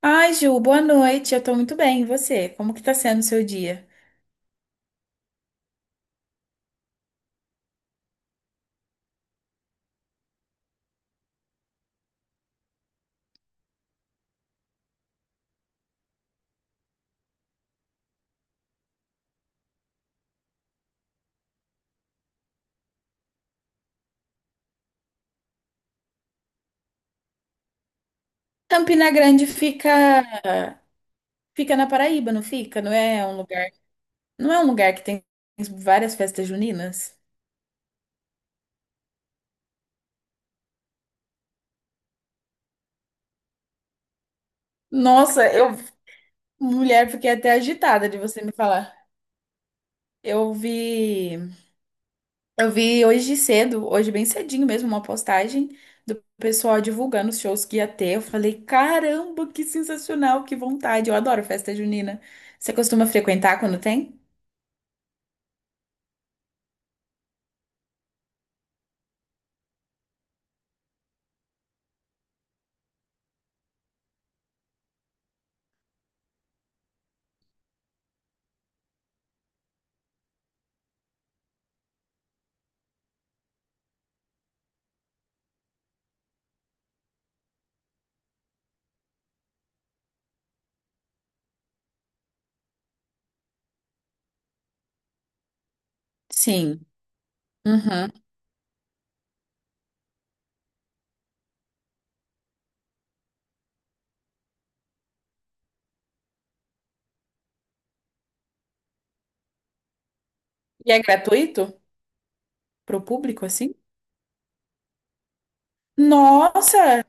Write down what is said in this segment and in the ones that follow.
Ai, Ju, boa noite. Eu tô muito bem. E você? Como que tá sendo o seu dia? Campina Grande fica na Paraíba, não fica? Não é um lugar que tem várias festas juninas? Nossa, mulher, fiquei até agitada de você me falar. Eu vi, eu vi hoje cedo, hoje bem cedinho mesmo, uma postagem do pessoal divulgando os shows que ia ter. Eu falei, caramba, que sensacional, que vontade. Eu adoro festa junina. Você costuma frequentar quando tem? Sim. Uhum. E é gratuito pro público, assim? Nossa!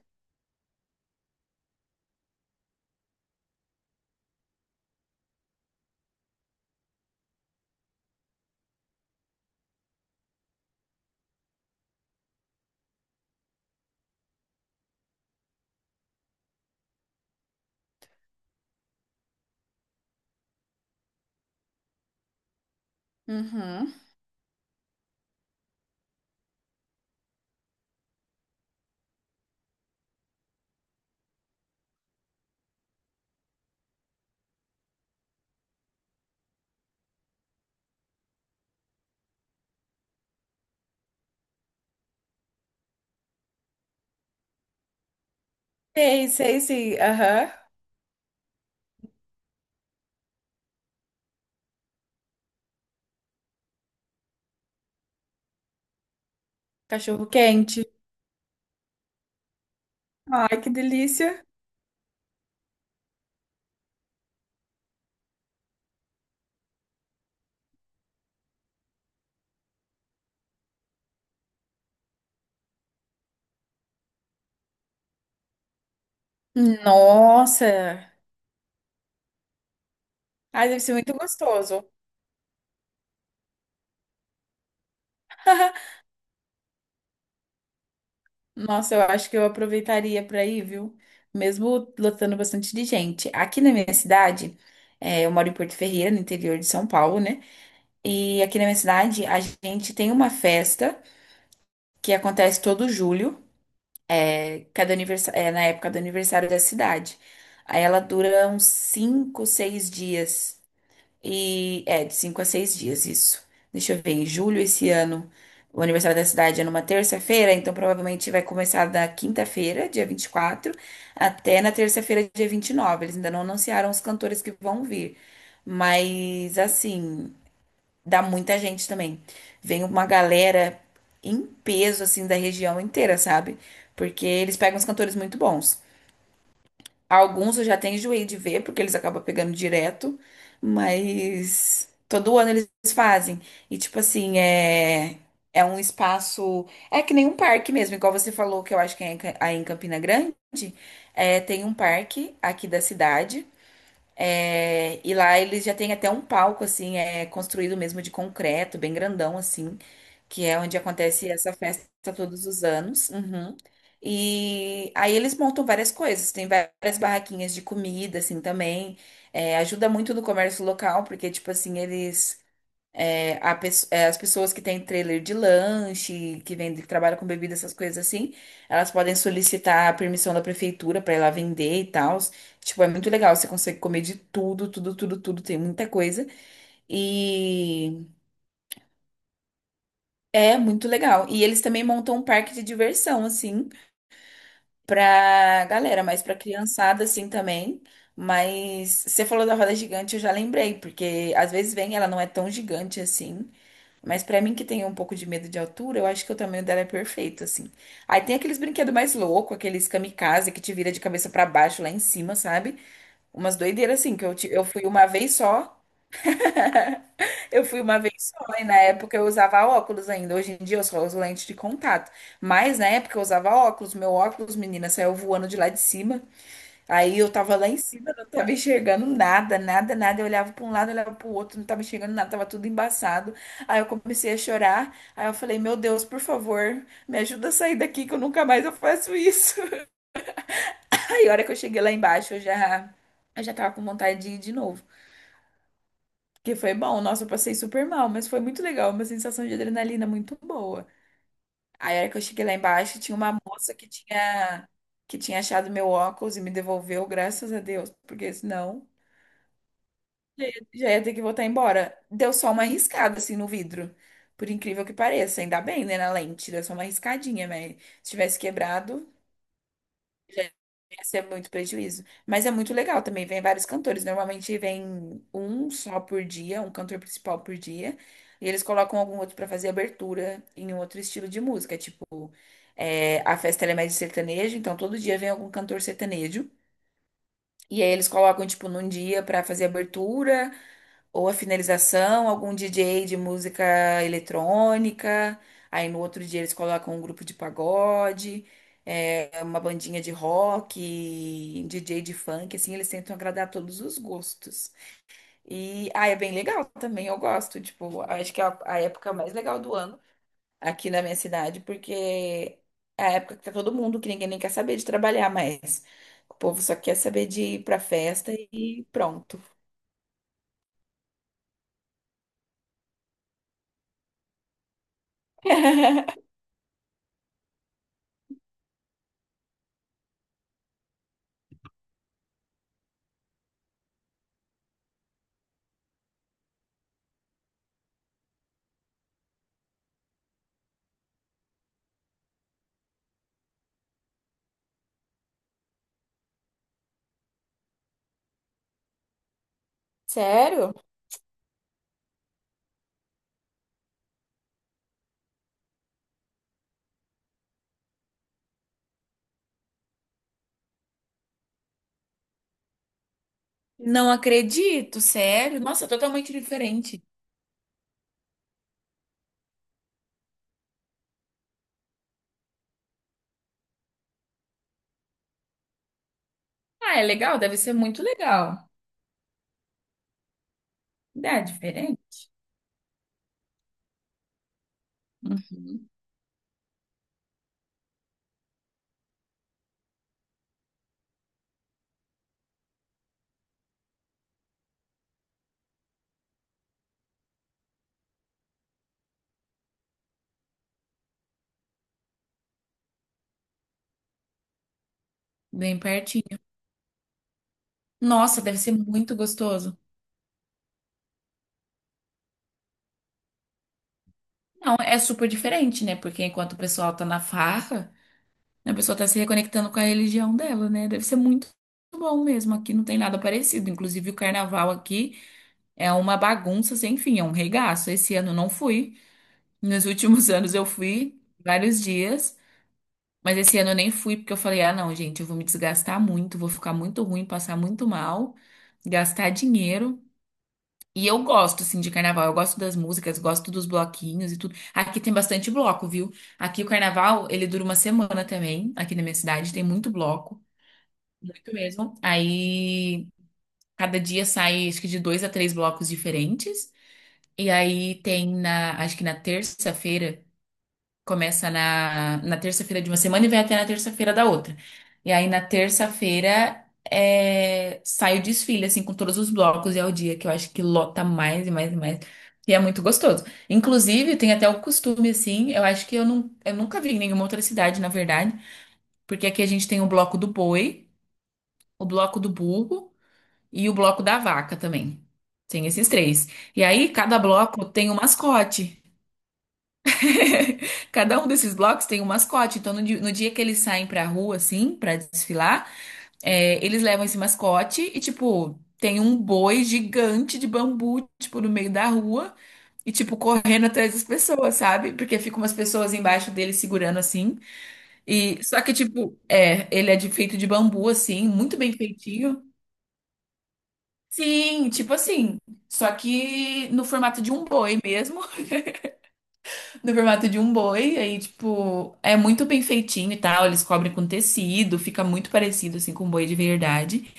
Uhum. Sei, sei, sei. Aham. Cachorro quente. Ai, que delícia. Nossa! Ai, deve ser muito gostoso. Nossa, eu acho que eu aproveitaria para ir, viu? Mesmo lotando bastante de gente. Aqui na minha cidade, eu moro em Porto Ferreira, no interior de São Paulo, né? E aqui na minha cidade, a gente tem uma festa que acontece todo julho. Na época do aniversário da cidade. Aí ela dura uns 5 6 dias. E é, de 5 a 6 dias, isso. Deixa eu ver, em julho esse ano, o aniversário da cidade é numa terça-feira, então provavelmente vai começar da quinta-feira, dia 24 até na terça-feira, dia 29. Eles ainda não anunciaram os cantores que vão vir. Mas assim. Dá muita gente também. Vem uma galera em peso, assim, da região inteira, sabe? Porque eles pegam os cantores muito bons. Alguns eu já tenho enjoei de ver, porque eles acabam pegando direto, mas todo ano eles fazem. E, tipo assim, é. É um espaço. É que nem um parque mesmo, igual você falou, que eu acho que é em aí em Campina Grande. É, tem um parque aqui da cidade. É, e lá eles já têm até um palco, assim, é construído mesmo de concreto, bem grandão, assim, que é onde acontece essa festa todos os anos. Uhum. E aí eles montam várias coisas, tem várias barraquinhas de comida, assim, também. É, ajuda muito no comércio local, porque, tipo assim, eles a pes- é, as pessoas que têm trailer de lanche, que vendem, que trabalham com bebida, essas coisas assim, elas podem solicitar a permissão da prefeitura para ir lá vender e tal. Tipo, é muito legal, você consegue comer de tudo, tudo, tudo, tudo, tem muita coisa. E é muito legal. E eles também montam um parque de diversão, assim, pra galera, mas pra criançada, assim, também. Mas você falou da roda gigante, eu já lembrei, porque às vezes vem, ela não é tão gigante assim. Mas pra mim que tem um pouco de medo de altura, eu acho que o tamanho dela é perfeito, assim. Aí tem aqueles brinquedos mais loucos, aqueles kamikaze que te vira de cabeça pra baixo lá em cima, sabe? Umas doideiras assim, que eu fui uma vez só, eu fui uma vez só, e na época eu usava óculos ainda. Hoje em dia eu só uso lente de contato. Mas na época eu usava óculos, meu óculos, menina, saiu voando de lá de cima. Aí eu tava lá em cima, não tava enxergando nada, nada, nada. Eu olhava para um lado, olhava para o outro, não tava enxergando nada, tava tudo embaçado. Aí eu comecei a chorar. Aí eu falei: Meu Deus, por favor, me ajuda a sair daqui que eu nunca mais eu faço isso. Aí a hora que eu cheguei lá embaixo, eu já tava com vontade de ir de novo. Porque foi bom, nossa, eu passei super mal, mas foi muito legal, uma sensação de adrenalina muito boa. Aí a hora que eu cheguei lá embaixo, tinha uma moça que tinha achado meu óculos e me devolveu, graças a Deus, porque senão. Já ia ter que voltar embora. Deu só uma riscada assim no vidro. Por incrível que pareça. Ainda bem, né? Na lente. Deu só uma riscadinha, mas se tivesse quebrado, já ia ser muito prejuízo. Mas é muito legal também. Vem vários cantores. Normalmente vem um só por dia, um cantor principal por dia. E eles colocam algum outro pra fazer abertura em um outro estilo de música. Tipo, a festa ela é mais de sertanejo, então todo dia vem algum cantor sertanejo. E aí eles colocam, tipo, num dia pra fazer abertura. Ou a finalização, algum DJ de música eletrônica. Aí no outro dia eles colocam um grupo de pagode, uma bandinha de rock, DJ de funk, assim, eles tentam agradar todos os gostos. E ah, é bem legal também, eu gosto. Tipo, acho que é a época mais legal do ano aqui na minha cidade, porque é a época que tá todo mundo, que ninguém nem quer saber de trabalhar mais. O povo só quer saber de ir pra festa e pronto. Sério? Não acredito, sério. Nossa, totalmente diferente. Ah, é legal, deve ser muito legal. É diferente. Uhum. Bem pertinho. Nossa, deve ser muito gostoso. Não, é super diferente, né? Porque enquanto o pessoal tá na farra, a pessoa tá se reconectando com a religião dela, né? Deve ser muito bom mesmo. Aqui não tem nada parecido. Inclusive, o carnaval aqui é uma bagunça sem fim, é um regaço. Esse ano eu não fui. Nos últimos anos eu fui vários dias. Mas esse ano eu nem fui porque eu falei: ah, não, gente, eu vou me desgastar muito, vou ficar muito ruim, passar muito mal, gastar dinheiro. E eu gosto, assim, de carnaval. Eu gosto das músicas, gosto dos bloquinhos e tudo. Aqui tem bastante bloco, viu? Aqui o carnaval, ele dura uma semana também. Aqui na minha cidade tem muito bloco, muito mesmo. Aí cada dia sai, acho que de dois a três blocos diferentes. E aí tem acho que na terça-feira. Começa na terça-feira de uma semana e vai até na terça-feira da outra. E aí, na terça-feira, sai o desfile, assim, com todos os blocos. E é o dia que eu acho que lota mais e mais e mais. E é muito gostoso. Inclusive, tem até o costume, assim, eu acho que eu, não, eu nunca vi em nenhuma outra cidade, na verdade. Porque aqui a gente tem o bloco do boi, o bloco do burro e o bloco da vaca também. Tem esses três. E aí, cada bloco tem um mascote. Cada um desses blocos tem um mascote. Então, no dia que eles saem pra rua, assim, pra desfilar, eles levam esse mascote e, tipo, tem um boi gigante de bambu, tipo, no meio da rua e, tipo, correndo atrás das pessoas, sabe? Porque ficam umas pessoas embaixo dele segurando assim. E só que, tipo, ele é feito de bambu, assim, muito bem feitinho. Sim, tipo assim. Só que no formato de um boi mesmo. No formato de um boi, aí, tipo, é muito bem feitinho e tal. Eles cobrem com tecido, fica muito parecido, assim, com um boi de verdade.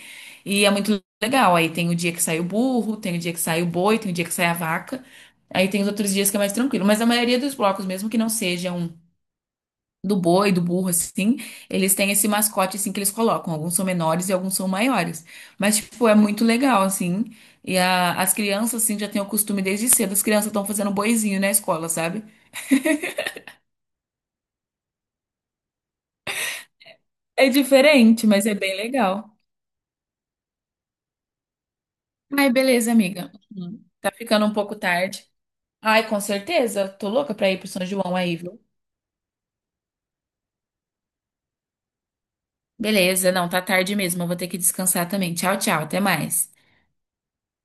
E é muito legal. Aí tem o dia que sai o burro, tem o dia que sai o boi, tem o dia que sai a vaca. Aí tem os outros dias que é mais tranquilo. Mas a maioria dos blocos, mesmo que não sejam do boi, do burro, assim, eles têm esse mascote, assim, que eles colocam. Alguns são menores e alguns são maiores. Mas, tipo, é muito legal, assim. E as crianças, assim, já têm o costume desde cedo. As crianças estão fazendo boizinho na escola, sabe? É diferente, mas é bem legal. Ai, beleza, amiga. Uhum. Tá ficando um pouco tarde. Ai, com certeza. Tô louca pra ir pro São João aí, viu? Beleza, não, tá tarde mesmo. Eu vou ter que descansar também. Tchau, tchau. Até mais.